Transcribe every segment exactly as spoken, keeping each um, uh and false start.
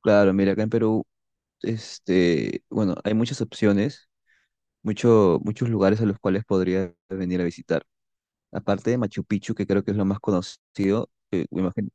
Claro, mira, acá en Perú, este, bueno, hay muchas opciones, mucho, muchos lugares a los cuales podrías venir a visitar. Aparte de Machu Picchu, que creo que es lo más conocido, eh, me imagino-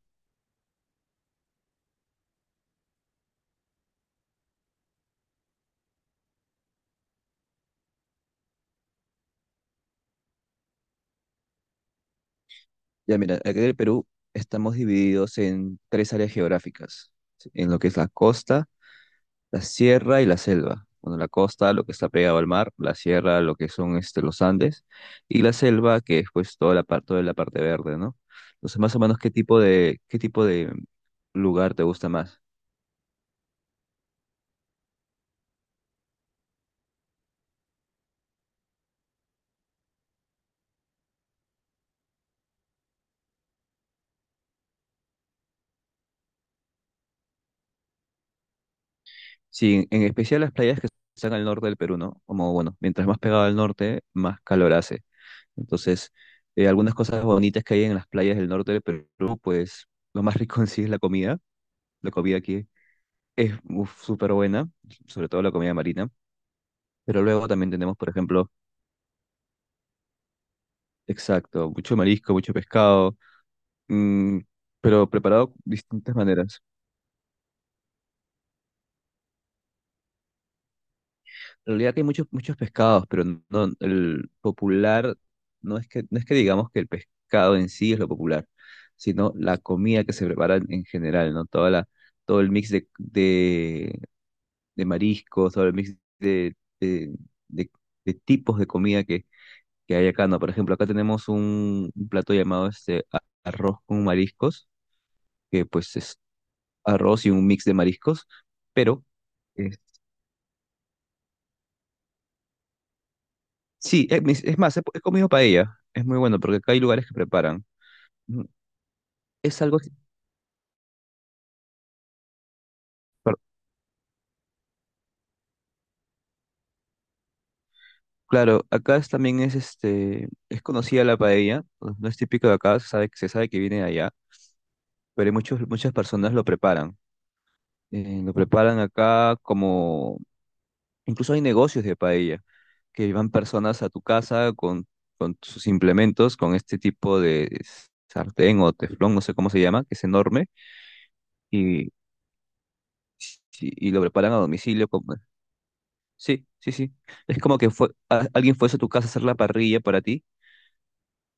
Ya, mira, acá en el Perú estamos divididos en tres áreas geográficas, ¿sí? En lo que es la costa, la sierra y la selva. Bueno, la costa, lo que está pegado al mar, la sierra, lo que son este, los Andes, y la selva, que es pues toda la parte, toda la parte verde, ¿no? Entonces, más o menos, ¿qué tipo de, qué tipo de lugar te gusta más? Sí, en especial las playas que están al norte del Perú, ¿no? Como, bueno, mientras más pegado al norte, más calor hace. Entonces, eh, algunas cosas bonitas que hay en las playas del norte del Perú, pues lo más rico en sí es la comida. La comida aquí es uf, súper buena, sobre todo la comida marina. Pero luego también tenemos, por ejemplo, exacto, mucho marisco, mucho pescado, mm, pero preparado de distintas maneras. En realidad que hay muchos, muchos pescados, pero no, el popular no es que, no es que digamos que el pescado en sí es lo popular, sino la comida que se prepara en en general, ¿no? Toda la, todo el mix de, de, de mariscos, todo el mix de, de, de- de tipos de comida que, que hay acá, ¿no? Por ejemplo, acá tenemos un, un plato llamado este a- arroz con mariscos, que pues es arroz y un mix de mariscos, pero este, sí, es, mis- es más, he, he comido paella. Es muy bueno porque acá hay lugares que preparan. Mm, es algo, que- pero, claro, acá es- también es este, es conocida la paella. No no es típico de acá, se sabe, se sabe que viene de allá, pero hay muchos, muchas personas lo preparan. Eh, lo preparan acá como, incluso hay negocios de paella, que van personas a tu casa con, con sus implementos, con este tipo de sartén o teflón, no sé cómo se llama, que es enorme, y, y y lo preparan a domicilio. Sí, sí, sí. Es como que fue, a- alguien fuese a tu casa a hacer la parrilla para ti,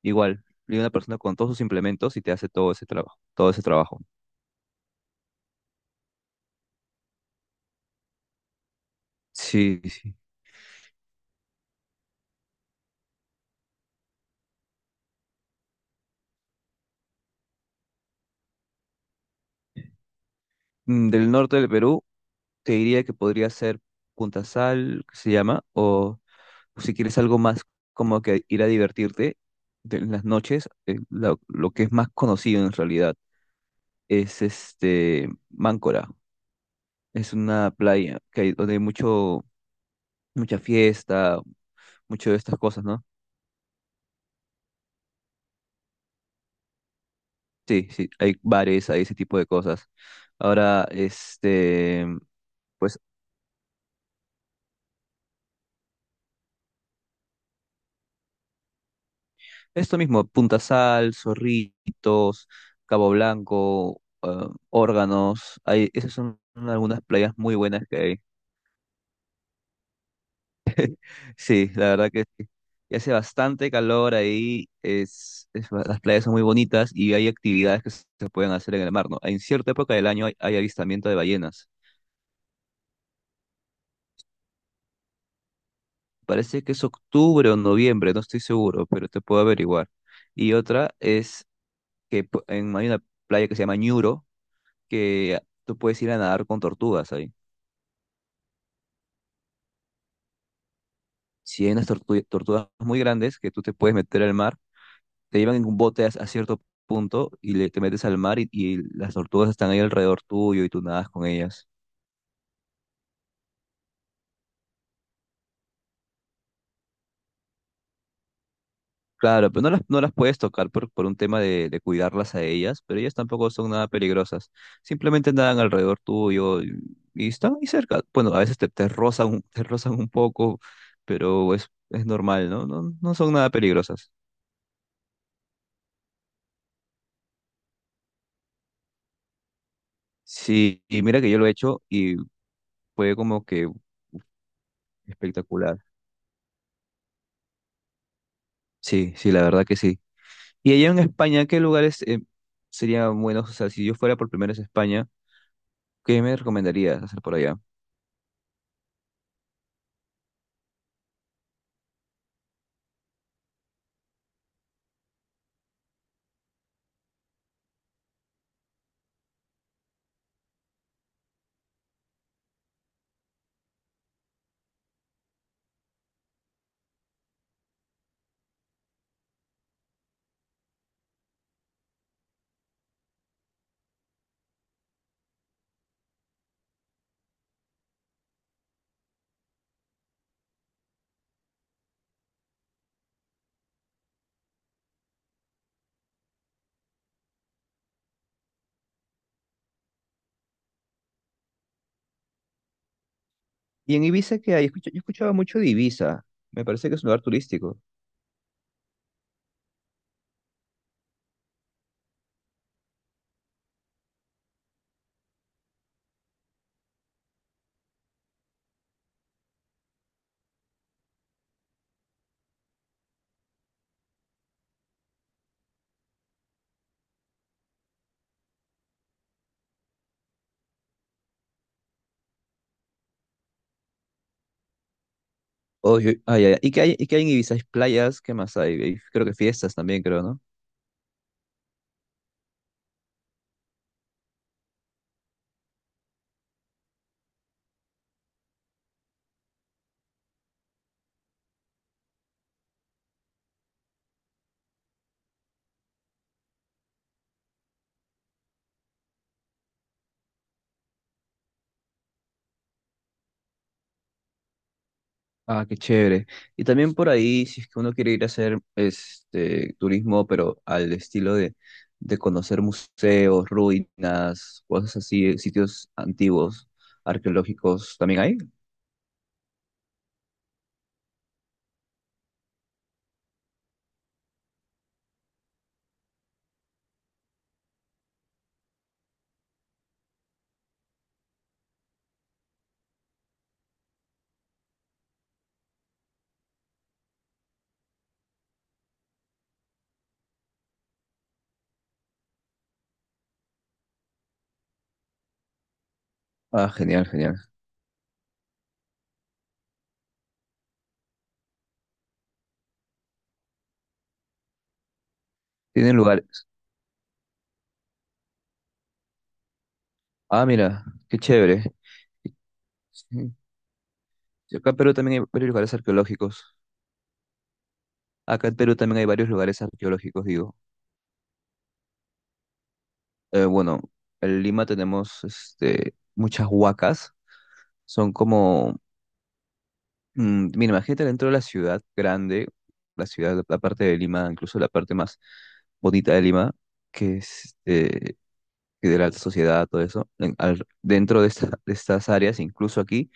igual. Viene una persona con todos sus implementos y te hace todo ese trabajo, todo ese trabajo. Sí, sí. Mm, del norte del Perú, te diría que podría ser Punta Sal, que se llama, o si quieres algo más como que ir a divertirte de- en las noches, eh, lo, lo que es más conocido en realidad es este Máncora. Es una playa que hay, donde hay mucho, mucha fiesta, mucho de estas cosas, ¿no? Sí, sí, hay bares, hay ese tipo de cosas. Ahora, este, pues esto mismo, Punta Sal, Zorritos, Cabo Blanco, ah, Órganos, hay, esas son algunas playas muy buenas que hay. Sí, la verdad que sí. Y hace bastante calor ahí, es, es ba- las playas son muy bonitas y hay actividades que se se pueden hacer en el mar, ¿no? En cierta época del año hay, hay avistamiento de ballenas. Parece que es octubre o noviembre, no estoy seguro, pero te puedo averiguar. Y otra es que pu- en, hay una playa que se llama Ñuro, que tú puedes ir a nadar con tortugas ahí. Si hay unas tortu- tortugas muy grandes que tú te puedes meter al mar, te llevan en un bote a, a cierto punto y le- te metes al mar y, y las tortugas están ahí alrededor tuyo y tú nadas con ellas. Claro, pero no las, no las puedes tocar por, por un tema de, de cuidarlas a ellas, pero ellas tampoco son nada peligrosas. Simplemente nadan alrededor tuyo y, y están ahí cerca. Bueno, a veces te, te rozan, un- te rozan un poco, pero es, es normal, ¿no? No, no son nada peligrosas. Sí, y mira que yo lo he hecho y fue como que espectacular. Sí, sí, la verdad que sí. Y allá en España, ¿qué lugares eh, serían buenos? O sea, si yo fuera por primera vez a España, ¿qué me recomendarías hacer por allá? Y en Ibiza, ¿qué hay? Escucha- yo escuchaba mucho de Ibiza. Me parece que es un lugar turístico. Oh, yo- ah, ya, ya. ¿Y qué hay, y qué hay en Ibiza? Hay playas, ¿qué más hay? Hay- creo que fiestas también, creo, ¿no? Ah, qué chévere. Y también por ahí, si es que uno quiere ir a hacer este turismo, pero al estilo de, de conocer museos, ruinas, cosas así, sitios antiguos, arqueológicos, ¿también hay? Ah, genial, genial. Tienen lugares. Ah, mira, qué chévere. Sí. Acá en Perú también hay varios lugares arqueológicos. Acá en Perú también hay varios lugares arqueológicos, digo. Eh, bueno, en Lima tenemos este, muchas huacas. Son como, mm, mira, imagínate dentro de la ciudad grande, la ciudad, la parte de Lima, incluso la parte más bonita de Lima, que es eh, que de la alta sociedad, todo eso. En- al- dentro de, esta- de estas áreas, incluso aquí,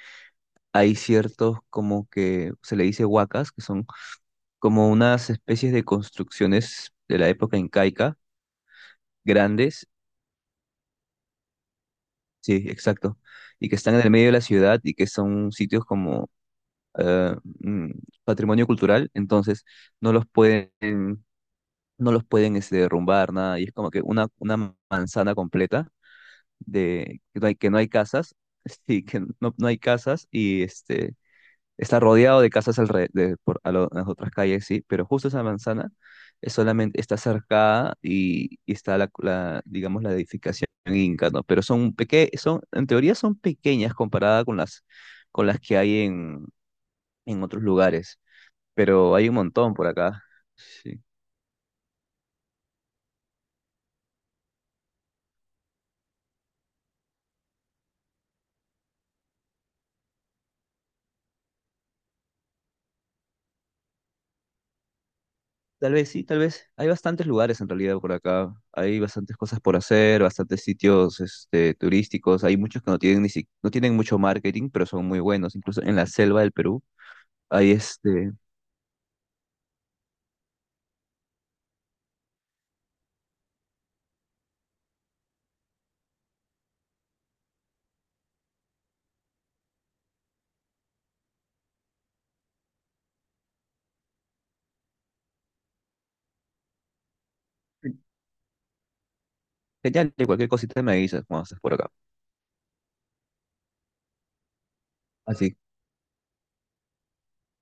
hay ciertos como que se le dice huacas, que son como unas especies de construcciones de la época incaica, grandes. Sí, exacto. Y que están en el medio de la ciudad y que son sitios como eh, mm, patrimonio cultural, entonces no los pueden, no los pueden este, derrumbar, nada. Y es como que una, una manzana completa de que no hay, que no hay casas, sí, que no, no hay casas y este está rodeado de casas alre- de- por, a lo- las otras calles, sí, pero justo esa manzana es solamente, está cercada y, y está la, la, digamos, la edificación inca, ¿no? Pero son peque, son, en teoría son pequeñas comparada con las, con las que hay en, en otros lugares, pero hay un montón por acá, sí. Tal vez sí, tal vez. Hay bastantes lugares en realidad por acá. Hay bastantes cosas por hacer, bastantes sitios este, turísticos. Hay muchos que no tienen ni si- no tienen mucho marketing, pero son muy buenos. Incluso en la selva del Perú. Ahí este. Genial, y cualquier cosita me avisas cuando estés por acá. Así